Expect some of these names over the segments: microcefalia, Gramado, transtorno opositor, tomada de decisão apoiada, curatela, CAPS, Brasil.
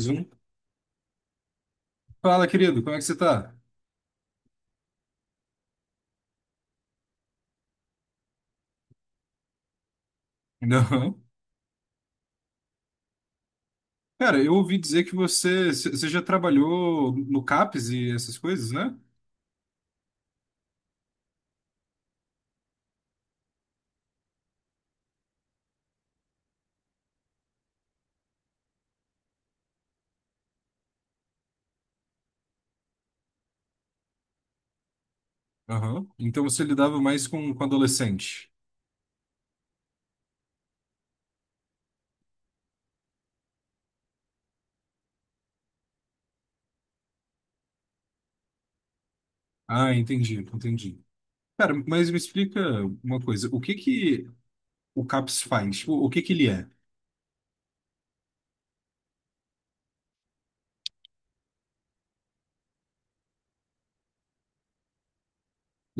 Zoom. Fala, querido, como é que você tá? Não. Cara, eu ouvi dizer que você já trabalhou no CAPS e essas coisas, né? Aham. Então você lidava mais com adolescente. Ah, entendi, entendi. Cara, mas me explica uma coisa. O que que o CAPS faz? O que que ele é?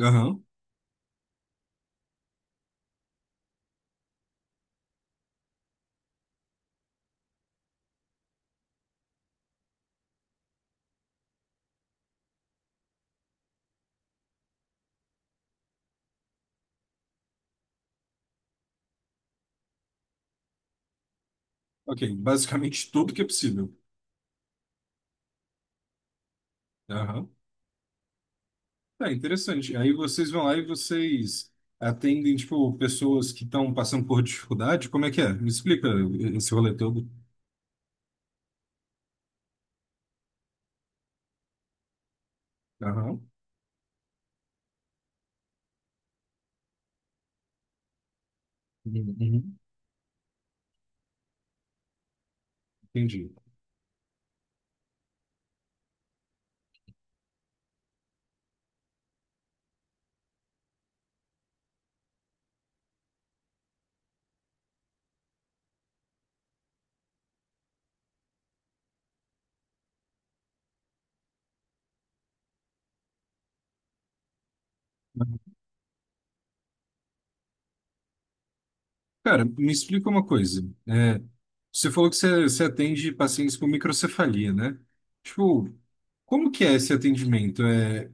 Aham. Ok, basicamente tudo que é possível. Aham. Tá, interessante. Aí vocês vão lá e vocês atendem, tipo, pessoas que estão passando por dificuldade. Como é que é? Me explica esse rolê todo. Aham. Uhum, uhum. Entendi. Cara, me explica uma coisa. É, você falou que você atende pacientes com microcefalia, né? Tipo, como que é esse atendimento? É,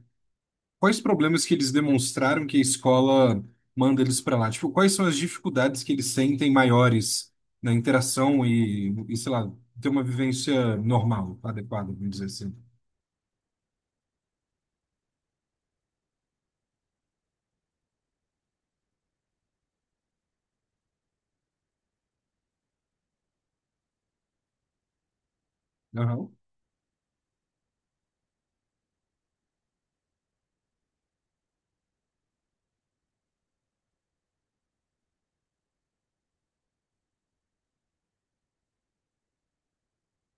quais problemas que eles demonstraram que a escola manda eles para lá? Tipo, quais são as dificuldades que eles sentem maiores na interação e sei lá, ter uma vivência normal, adequada, vamos dizer assim. Aham.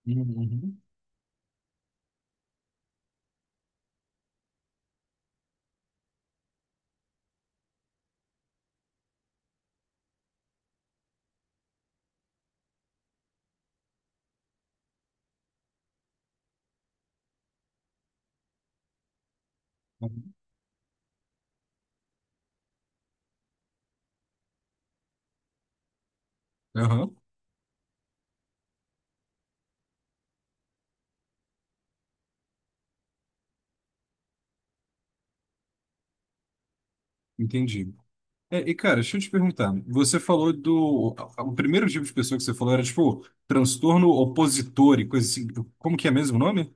Uhum, uhum. Aham. Entendi. É, e cara, deixa eu te perguntar. Você falou do. O primeiro tipo de pessoa que você falou era tipo transtorno opositor e coisa assim. Como que é mesmo o nome?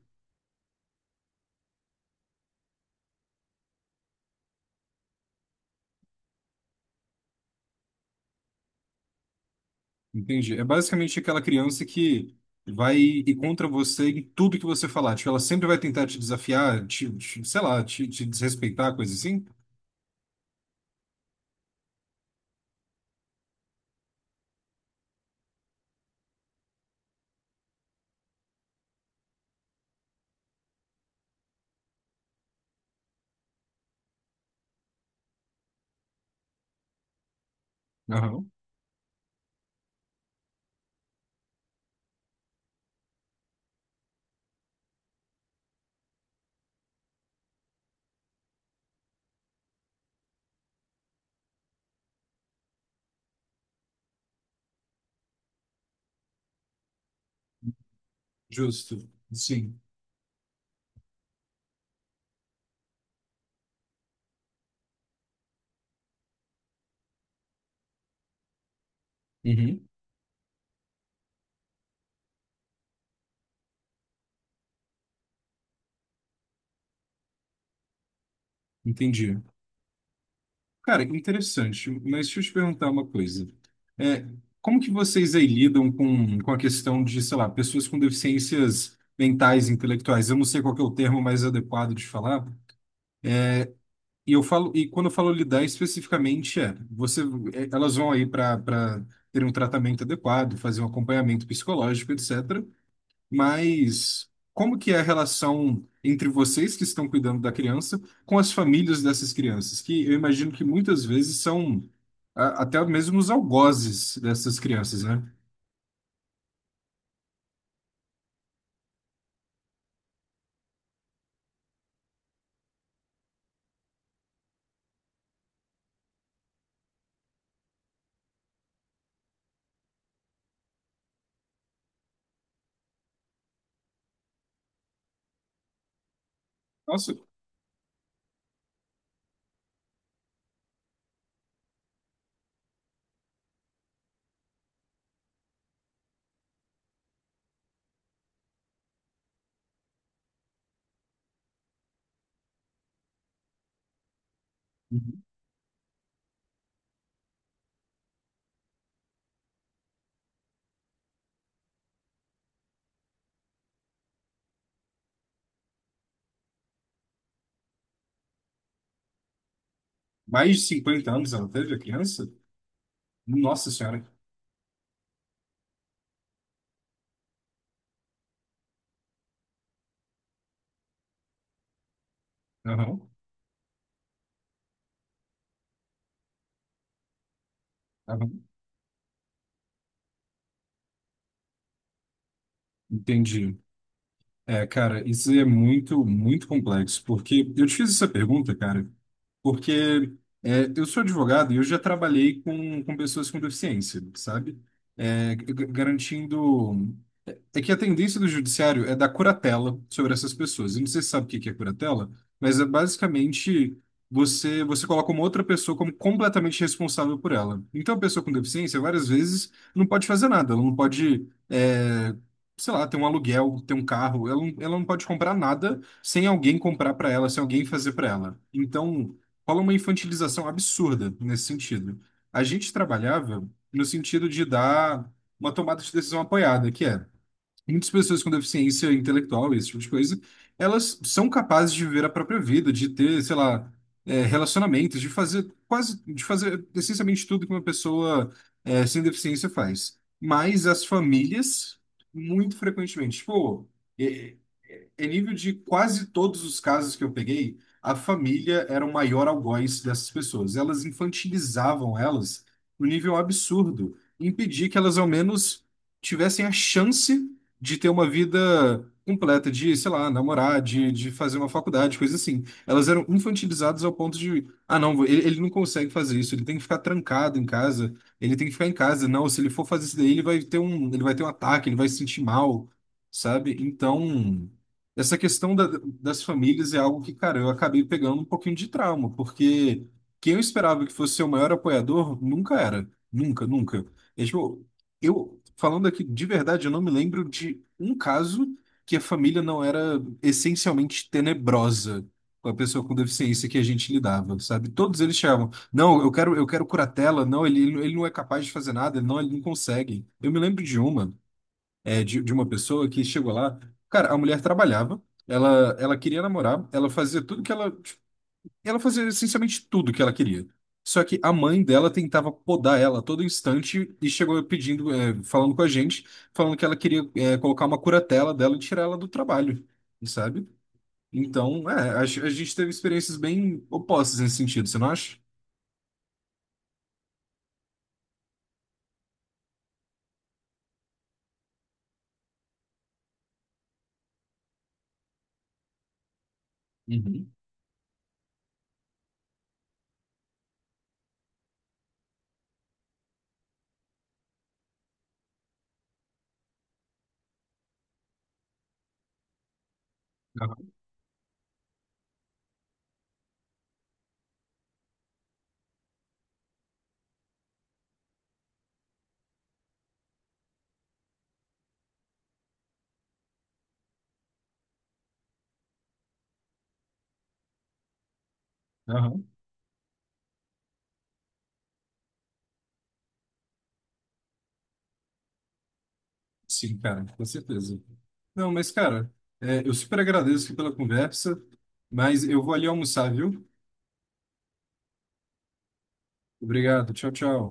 Entendi. É basicamente aquela criança que vai ir contra você em tudo que você falar. Tipo, ela sempre vai tentar te desafiar, sei lá, te desrespeitar, coisa assim. Aham. Justo. Sim. Uhum. Entendi. Cara, interessante, mas deixa eu te perguntar uma coisa. É, como que vocês aí lidam com a questão de, sei lá, pessoas com deficiências mentais, intelectuais? Eu não sei qual que é o termo mais adequado de falar. E eu falo, e quando eu falo lidar especificamente, é, você, é, elas vão aí para ter um tratamento adequado, fazer um acompanhamento psicológico, etc. Mas como que é a relação entre vocês que estão cuidando da criança com as famílias dessas crianças, que eu imagino que muitas vezes são até mesmo os algozes dessas crianças, né? Nossa, uhum. Mais de 50 anos ela teve a criança? Nossa Senhora. Aham, aham. Entendi. É, cara, isso é muito, muito complexo, porque eu te fiz essa pergunta, cara, porque é, eu sou advogado e eu já trabalhei com pessoas com deficiência, sabe? É, garantindo. É que a tendência do judiciário é dar curatela sobre essas pessoas. Eu não sei se você sabe o que que é curatela, mas é basicamente você coloca uma outra pessoa como completamente responsável por ela. Então, a pessoa com deficiência, várias vezes, não pode fazer nada. Ela não pode, é, sei lá, ter um aluguel, ter um carro. Ela não pode comprar nada sem alguém comprar para ela, sem alguém fazer para ela. Então, rola uma infantilização absurda nesse sentido. A gente trabalhava no sentido de dar uma tomada de decisão apoiada, que é muitas pessoas com deficiência intelectual, esse tipo de coisa, elas são capazes de viver a própria vida, de ter, sei lá, é, relacionamentos, de fazer quase, de fazer essencialmente tudo que uma pessoa é, sem deficiência faz. Mas as famílias, muito frequentemente, tipo, é, é nível de quase todos os casos que eu peguei, a família era o maior algoz dessas pessoas. Elas infantilizavam elas no nível absurdo, impedir que elas ao menos tivessem a chance de ter uma vida completa, de, sei lá, namorar, de fazer uma faculdade, coisa assim. Elas eram infantilizadas ao ponto de, ah, não, ele não consegue fazer isso, ele tem que ficar trancado em casa, ele tem que ficar em casa. Não, se ele for fazer isso daí, ele vai ter um ataque, ele vai se sentir mal, sabe? Então, essa questão das famílias é algo que, cara, eu acabei pegando um pouquinho de trauma, porque quem eu esperava que fosse ser o maior apoiador nunca era. Nunca, nunca. É, tipo, eu, falando aqui, de verdade, eu não me lembro de um caso que a família não era essencialmente tenebrosa com a pessoa com deficiência que a gente lidava, sabe? Todos eles chamam, não, eu quero curatela, não, ele não é capaz de fazer nada, ele não consegue. Eu me lembro de uma, é, de uma pessoa que chegou lá, cara, a mulher trabalhava, ela queria namorar, ela fazia tudo que ela tipo, e ela fazia essencialmente tudo que ela queria. Só que a mãe dela tentava podar ela a todo instante e chegou pedindo, é, falando com a gente, falando que ela queria, é, colocar uma curatela dela e tirar ela do trabalho, sabe? Então, é, a gente teve experiências bem opostas nesse sentido, você não acha? Uhum. Aham, aham. Sim, cara, com certeza. Não, mas, cara, é, eu super agradeço aqui pela conversa, mas eu vou ali almoçar, viu? Obrigado, tchau, tchau.